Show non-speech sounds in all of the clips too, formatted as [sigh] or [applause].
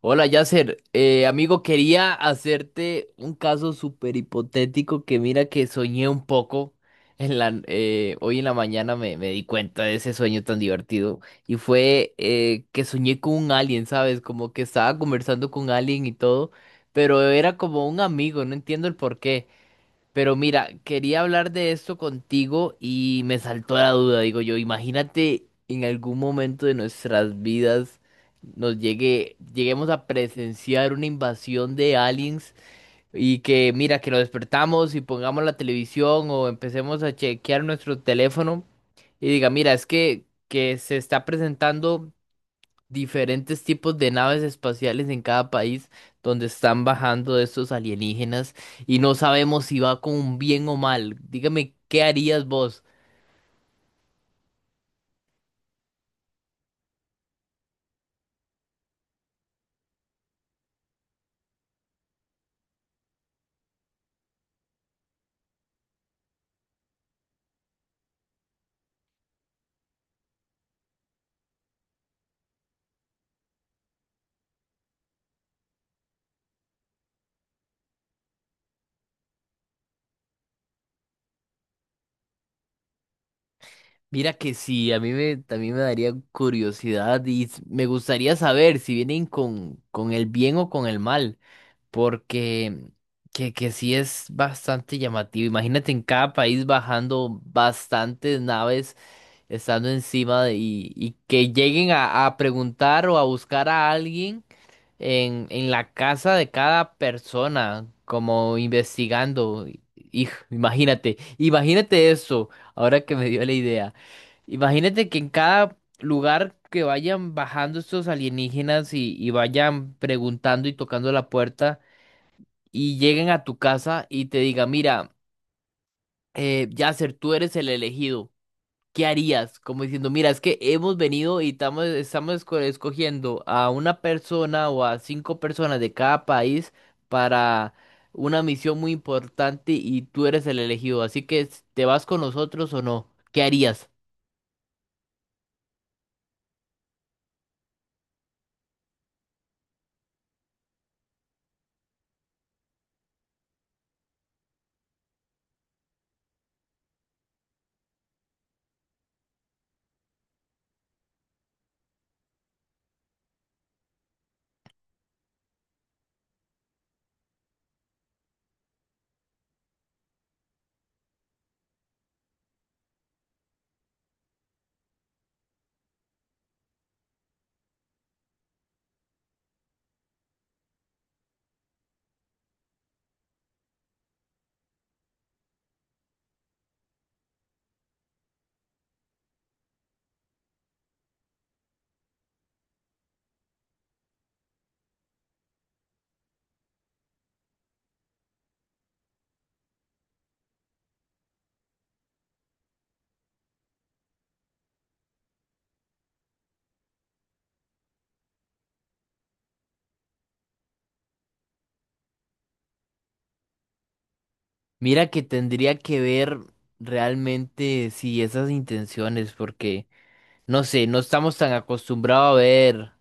Hola, Yasser. Amigo, quería hacerte un caso súper hipotético que mira que soñé un poco. Hoy en la mañana me di cuenta de ese sueño tan divertido. Y fue que soñé con un alien, ¿sabes? Como que estaba conversando con alguien y todo. Pero era como un amigo, no entiendo el porqué. Pero mira, quería hablar de esto contigo y me saltó la duda. Digo yo, imagínate en algún momento de nuestras vidas lleguemos a presenciar una invasión de aliens y que mira, que lo despertamos y pongamos la televisión o empecemos a chequear nuestro teléfono y diga, mira, que se está presentando diferentes tipos de naves espaciales en cada país donde están bajando estos alienígenas y no sabemos si va con bien o mal. Dígame, ¿qué harías vos? Mira que sí, a también me daría curiosidad y me gustaría saber si vienen con el bien o con el mal, porque que sí es bastante llamativo. Imagínate en cada país bajando bastantes naves estando y que lleguen a preguntar o a buscar a alguien en la casa de cada persona, como investigando. Hijo, imagínate eso, ahora que me dio la idea. Imagínate que en cada lugar que vayan bajando estos alienígenas y vayan preguntando y tocando la puerta y lleguen a tu casa y te digan, mira, Yasser, tú eres el elegido. ¿Qué harías? Como diciendo, mira, es que hemos venido y estamos, escogiendo a una persona o a cinco personas de cada país para una misión muy importante y tú eres el elegido. Así que, ¿te vas con nosotros o no? ¿Qué harías? Mira que tendría que ver realmente si esas intenciones, porque no sé, no estamos tan acostumbrados a ver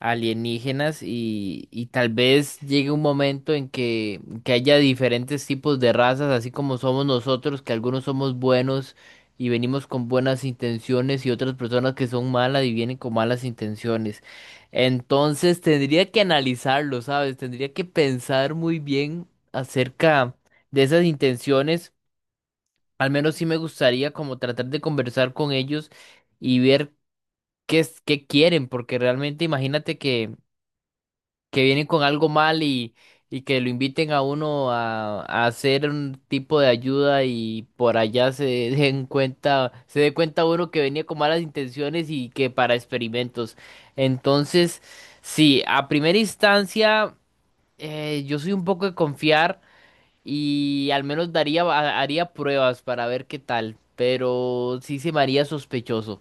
alienígenas y tal vez llegue un momento que haya diferentes tipos de razas, así como somos nosotros, que algunos somos buenos y venimos con buenas intenciones y otras personas que son malas y vienen con malas intenciones. Entonces tendría que analizarlo, ¿sabes? Tendría que pensar muy bien acerca de esas intenciones. Al menos sí me gustaría como tratar de conversar con ellos y ver qué quieren, porque realmente imagínate que vienen con algo mal y que lo inviten a uno a hacer un tipo de ayuda y por allá se [laughs] se dé cuenta uno que venía con malas intenciones y que para experimentos. Entonces, sí, a primera instancia, yo soy un poco de confiar y al menos haría pruebas para ver qué tal, pero sí se me haría sospechoso.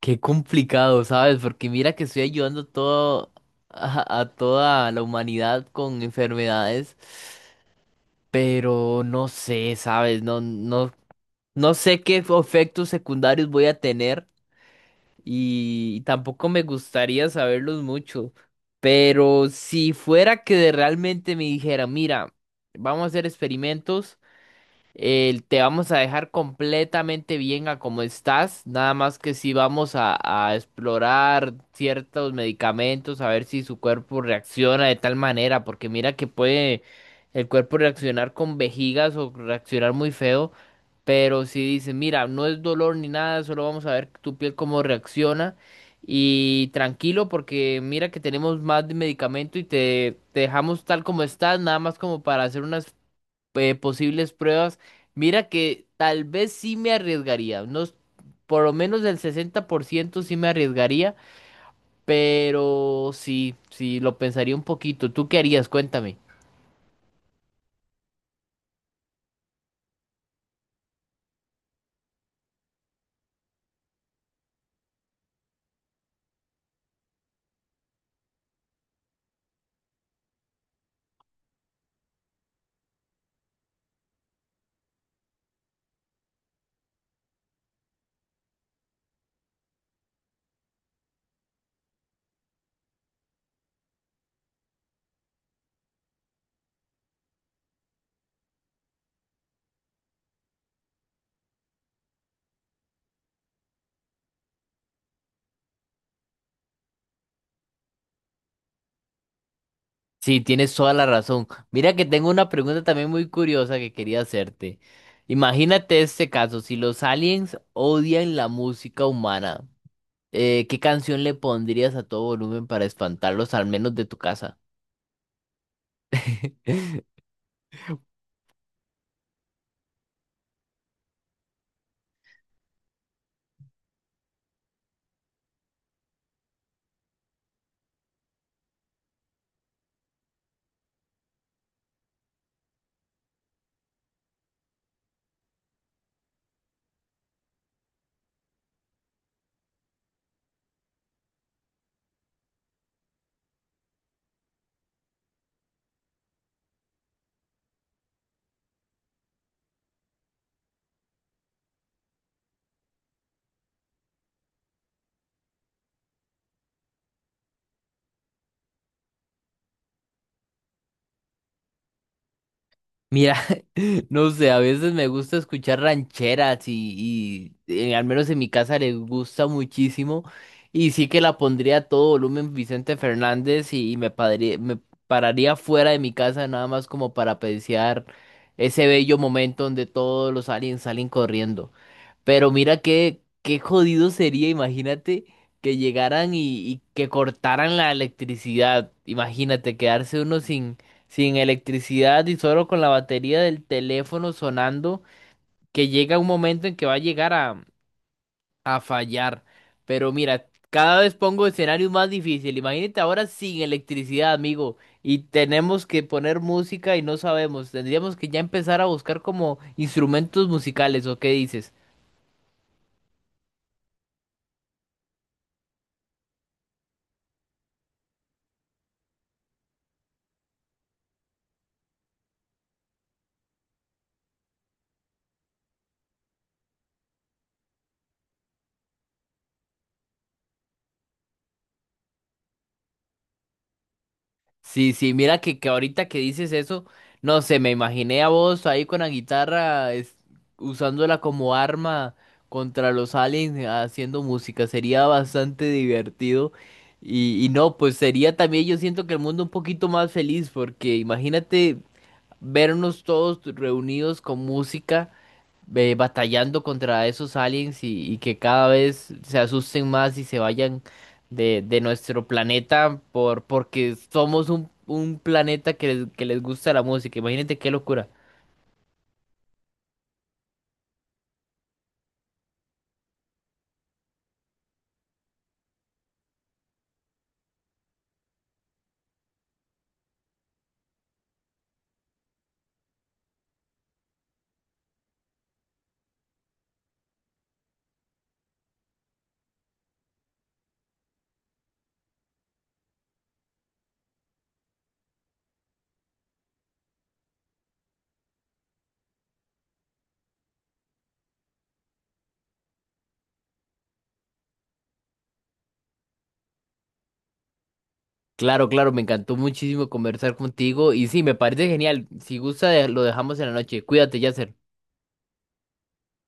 Qué complicado, ¿sabes? Porque mira que estoy ayudando todo a toda la humanidad con enfermedades, pero no sé, ¿sabes? No, no sé qué efectos secundarios voy a tener y tampoco me gustaría saberlos mucho. Pero si fuera que de realmente me dijera, mira, vamos a hacer experimentos, te vamos a dejar completamente bien a como estás, nada más que si vamos a explorar ciertos medicamentos, a ver si su cuerpo reacciona de tal manera, porque mira que puede el cuerpo reaccionar con vejigas o reaccionar muy feo, pero si dice, mira, no es dolor ni nada, solo vamos a ver tu piel cómo reacciona. Y tranquilo, porque mira que tenemos más de medicamento y te dejamos tal como estás, nada más como para hacer unas posibles pruebas, mira que tal vez sí me arriesgaría, unos, por lo menos el 60% sí me arriesgaría, pero sí, sí, lo pensaría un poquito. ¿Tú qué harías? Cuéntame. Sí, tienes toda la razón. Mira que tengo una pregunta también muy curiosa que quería hacerte. Imagínate este caso, si los aliens odian la música humana, ¿qué canción le pondrías a todo volumen para espantarlos, al menos de tu casa? [laughs] Mira, [laughs] no sé, a veces me gusta escuchar rancheras y, al menos en mi casa les gusta muchísimo y sí que la pondría a todo volumen Vicente Fernández y, me pararía fuera de mi casa nada más como para apreciar ese bello momento donde todos los aliens salen corriendo. Pero mira qué jodido sería, imagínate que llegaran y que cortaran la electricidad. Imagínate quedarse uno sin electricidad y solo con la batería del teléfono sonando, que llega un momento en que va a llegar a fallar. Pero mira, cada vez pongo escenarios más difíciles. Imagínate ahora sin electricidad, amigo, y tenemos que poner música y no sabemos. Tendríamos que ya empezar a buscar como instrumentos musicales, ¿o qué dices? Sí, sí, mira que ahorita que dices eso, no sé, me imaginé a vos ahí con la guitarra, usándola como arma contra los aliens, haciendo música, sería bastante divertido. Y no, pues sería también, yo siento que el mundo un poquito más feliz, porque imagínate vernos todos reunidos con música, batallando contra esos aliens y que cada vez se asusten más y se vayan de nuestro planeta porque somos un planeta que que les gusta la música. Imagínate qué locura. Claro, claro, me encantó muchísimo conversar contigo y sí, me parece genial. Si gusta, lo dejamos en la noche. Cuídate, Yasser.